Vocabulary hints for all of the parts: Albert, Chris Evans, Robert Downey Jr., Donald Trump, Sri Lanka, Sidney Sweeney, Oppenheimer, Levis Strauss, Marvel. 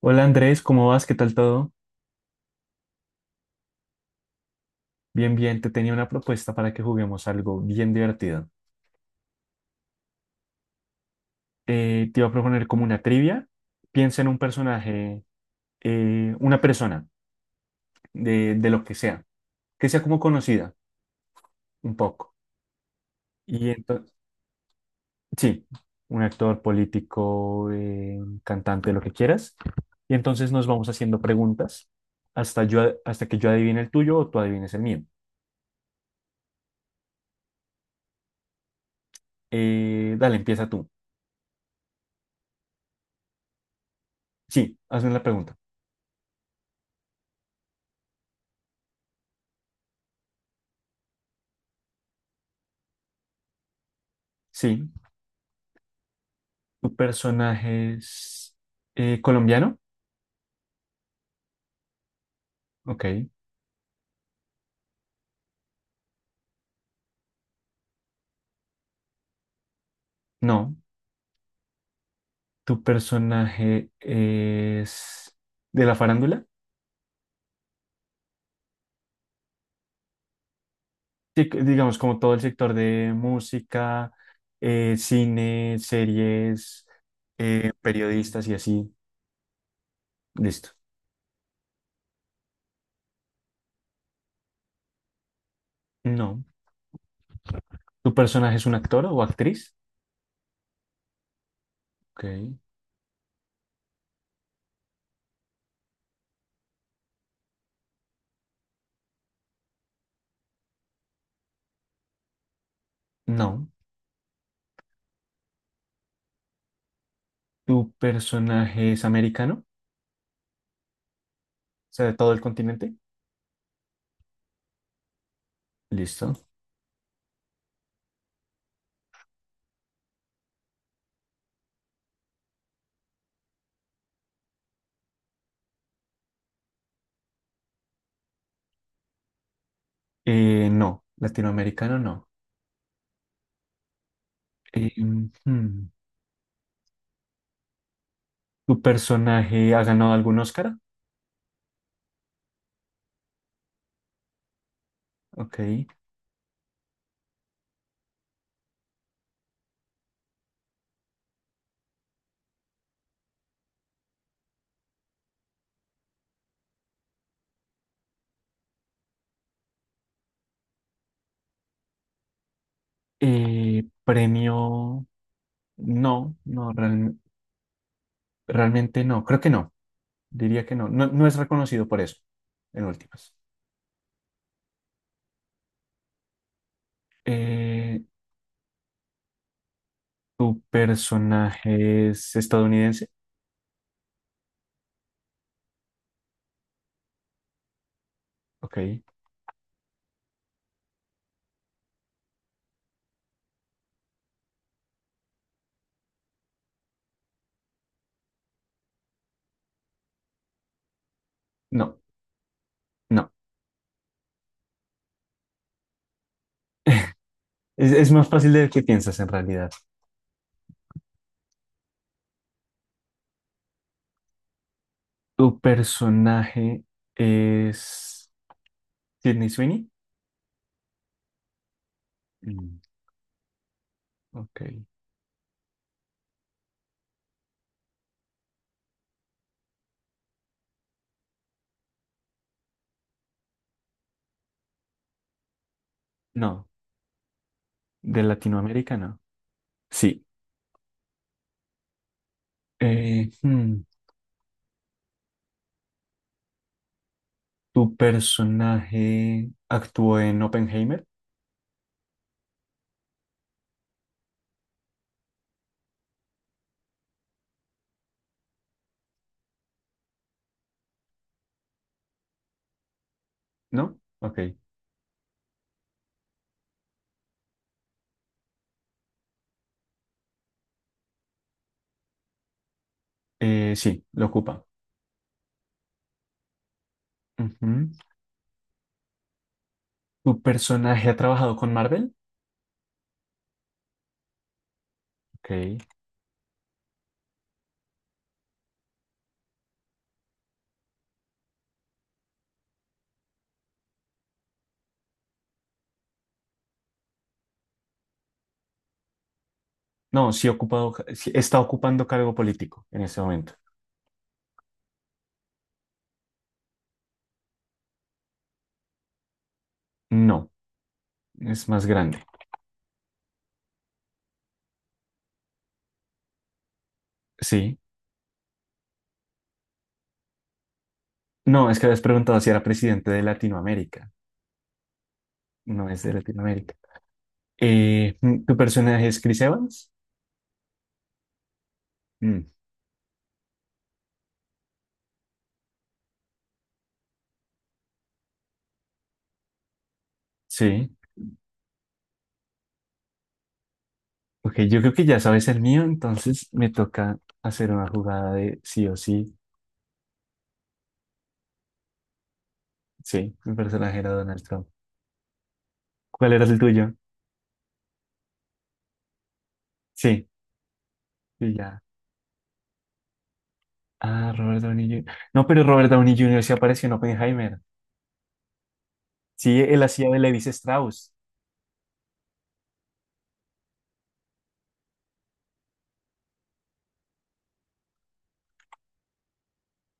Hola Andrés, ¿cómo vas? ¿Qué tal todo? Bien, bien, te tenía una propuesta para que juguemos algo bien divertido. Te iba a proponer como una trivia. Piensa en un personaje, una persona, de lo que sea como conocida, un poco. Y entonces, sí, un actor político, cantante, lo que quieras. Y entonces nos vamos haciendo preguntas hasta, hasta que yo adivine el tuyo o tú adivines el mío. Dale, empieza tú. Sí, hazme la pregunta. Sí, ¿tu personaje es colombiano? Ok. No. ¿Tu personaje es de la farándula? Sí, digamos, como todo el sector de música, cine, series, periodistas y así. Listo. No. ¿Tu personaje es un actor o actriz? Ok. No. ¿Tu personaje es americano? O sea, de todo el continente. Listo. No. Latinoamericano no. Eh, ¿Tu personaje ha ganado algún Oscar? Ok. Premio, no, no, realmente no, creo que no, diría que no, no, no es reconocido por eso, en últimas. Eh, ¿Tu personaje es estadounidense? Ok, no, no, es más fácil de lo que piensas en realidad. ¿Tu personaje es Sidney Sweeney? Mm, ok, no, de Latinoamérica no. Sí. Eh, hmm, Tu personaje actuó en Oppenheimer, ¿no? Ok. Sí, lo ocupa. Ujú. ¿Tu personaje ha trabajado con Marvel? Ok. No, sí, ha ocupado, sí está ocupando cargo político en ese momento. No, es más grande. Sí. No, es que habías preguntado si era presidente de Latinoamérica. No es de Latinoamérica. ¿Tu personaje es Chris Evans? Mm, sí. Ok, yo creo que ya sabes el mío, entonces me toca hacer una jugada de sí o sí. Sí, mi personaje era Donald Trump. ¿Cuál era el tuyo? Sí, sí, ya. Ah, Robert Downey Jr. No, pero Robert Downey Jr. sí apareció en Oppenheimer. Sí, él hacía de Levis Strauss.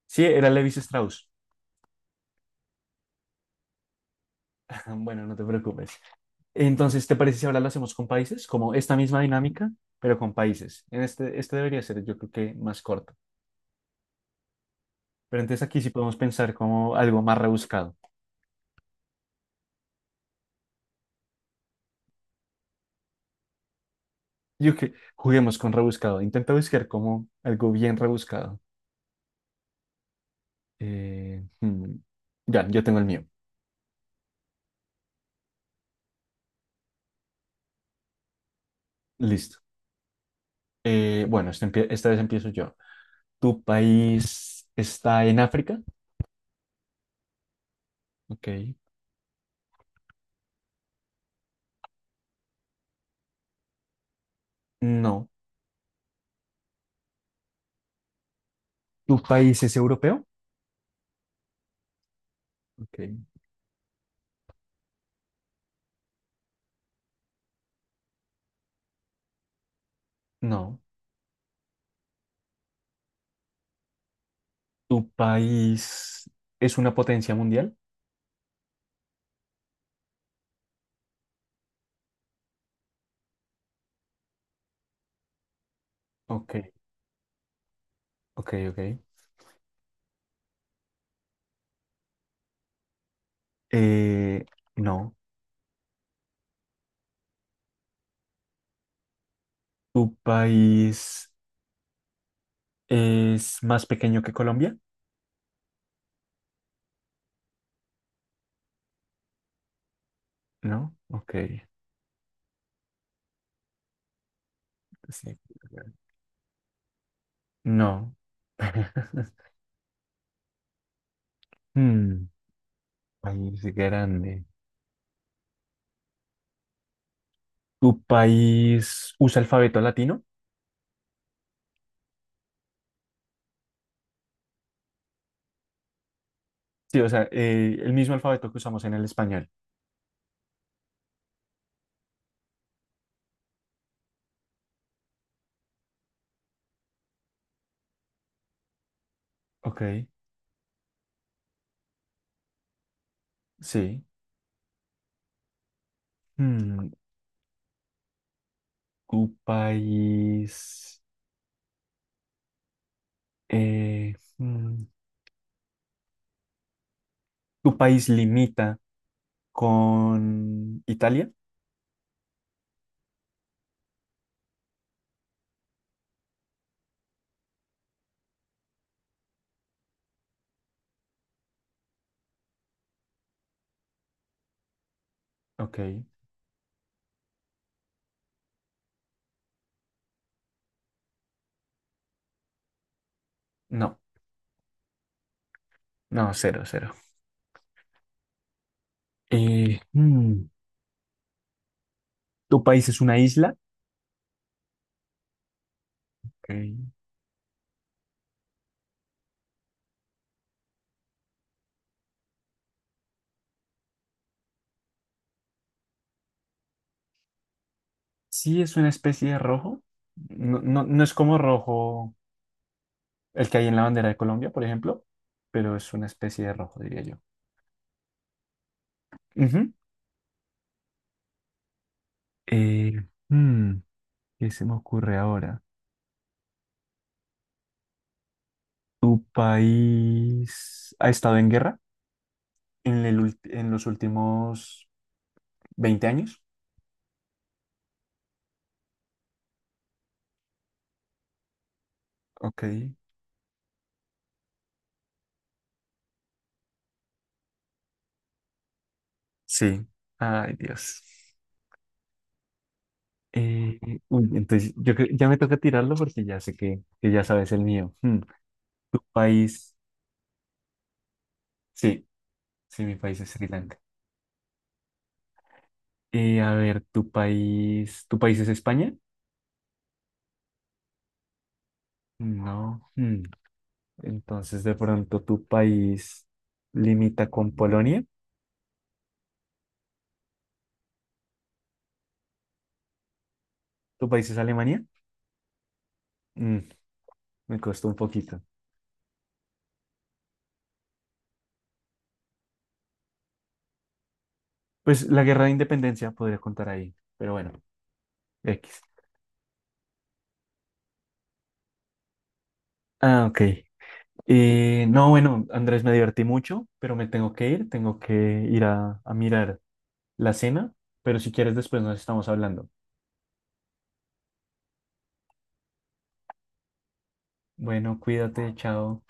Sí, era Levis Strauss. Bueno, no te preocupes. Entonces, ¿te parece si ahora lo hacemos con países? Como esta misma dinámica, pero con países. En este, este debería ser, yo creo que más corto. Pero entonces aquí sí podemos pensar como algo más rebuscado. Yo que juguemos con rebuscado. Intenta buscar como algo bien rebuscado. Eh, hmm, Ya, yo tengo el mío. Listo. Bueno, esta vez empiezo yo. ¿Tu país está en África? Ok. No. ¿Tu país es europeo? Ok. No. ¿Tu país es una potencia mundial? Ok. Ok, ok. Eh, no. ¿Tu país es más pequeño que Colombia? No. Ok. Sí. No. Hmm, país grande. ¿Tu país usa alfabeto latino? Sí, o sea, el mismo alfabeto que usamos en el español. Ok, sí. Mm, tu país. eh, mm, Tu país limita con Italia. Ok, no, no, cero, cero. Eh, mm, Tu país es una isla. Ok. Sí, es una especie de rojo. No, no, no es como rojo el que hay en la bandera de Colombia, por ejemplo, pero es una especie de rojo, diría yo. Ujú. Eh, mm, ¿Qué se me ocurre ahora? ¿Tu país ha estado en guerra en el en los últimos 20 años? Ok, sí. Ay, Dios. Eh, entonces, ya me toca tirarlo porque ya sé que ya sabes el mío. Hmm. ¿Tu país? Sí, sí, mi país es Sri Lanka. A ver, ¿tu país? ¿Tu país es España? No. Hmm. Entonces, de pronto, ¿tu país limita con Polonia? ¿Tu país es Alemania? Mm, me costó un poquito. Pues la guerra de independencia podría contar ahí, pero bueno, X. Ah, ok. No, bueno, Andrés, me divertí mucho, pero me tengo que ir a mirar la cena, pero si quieres después nos estamos hablando. Bueno, cuídate, chao.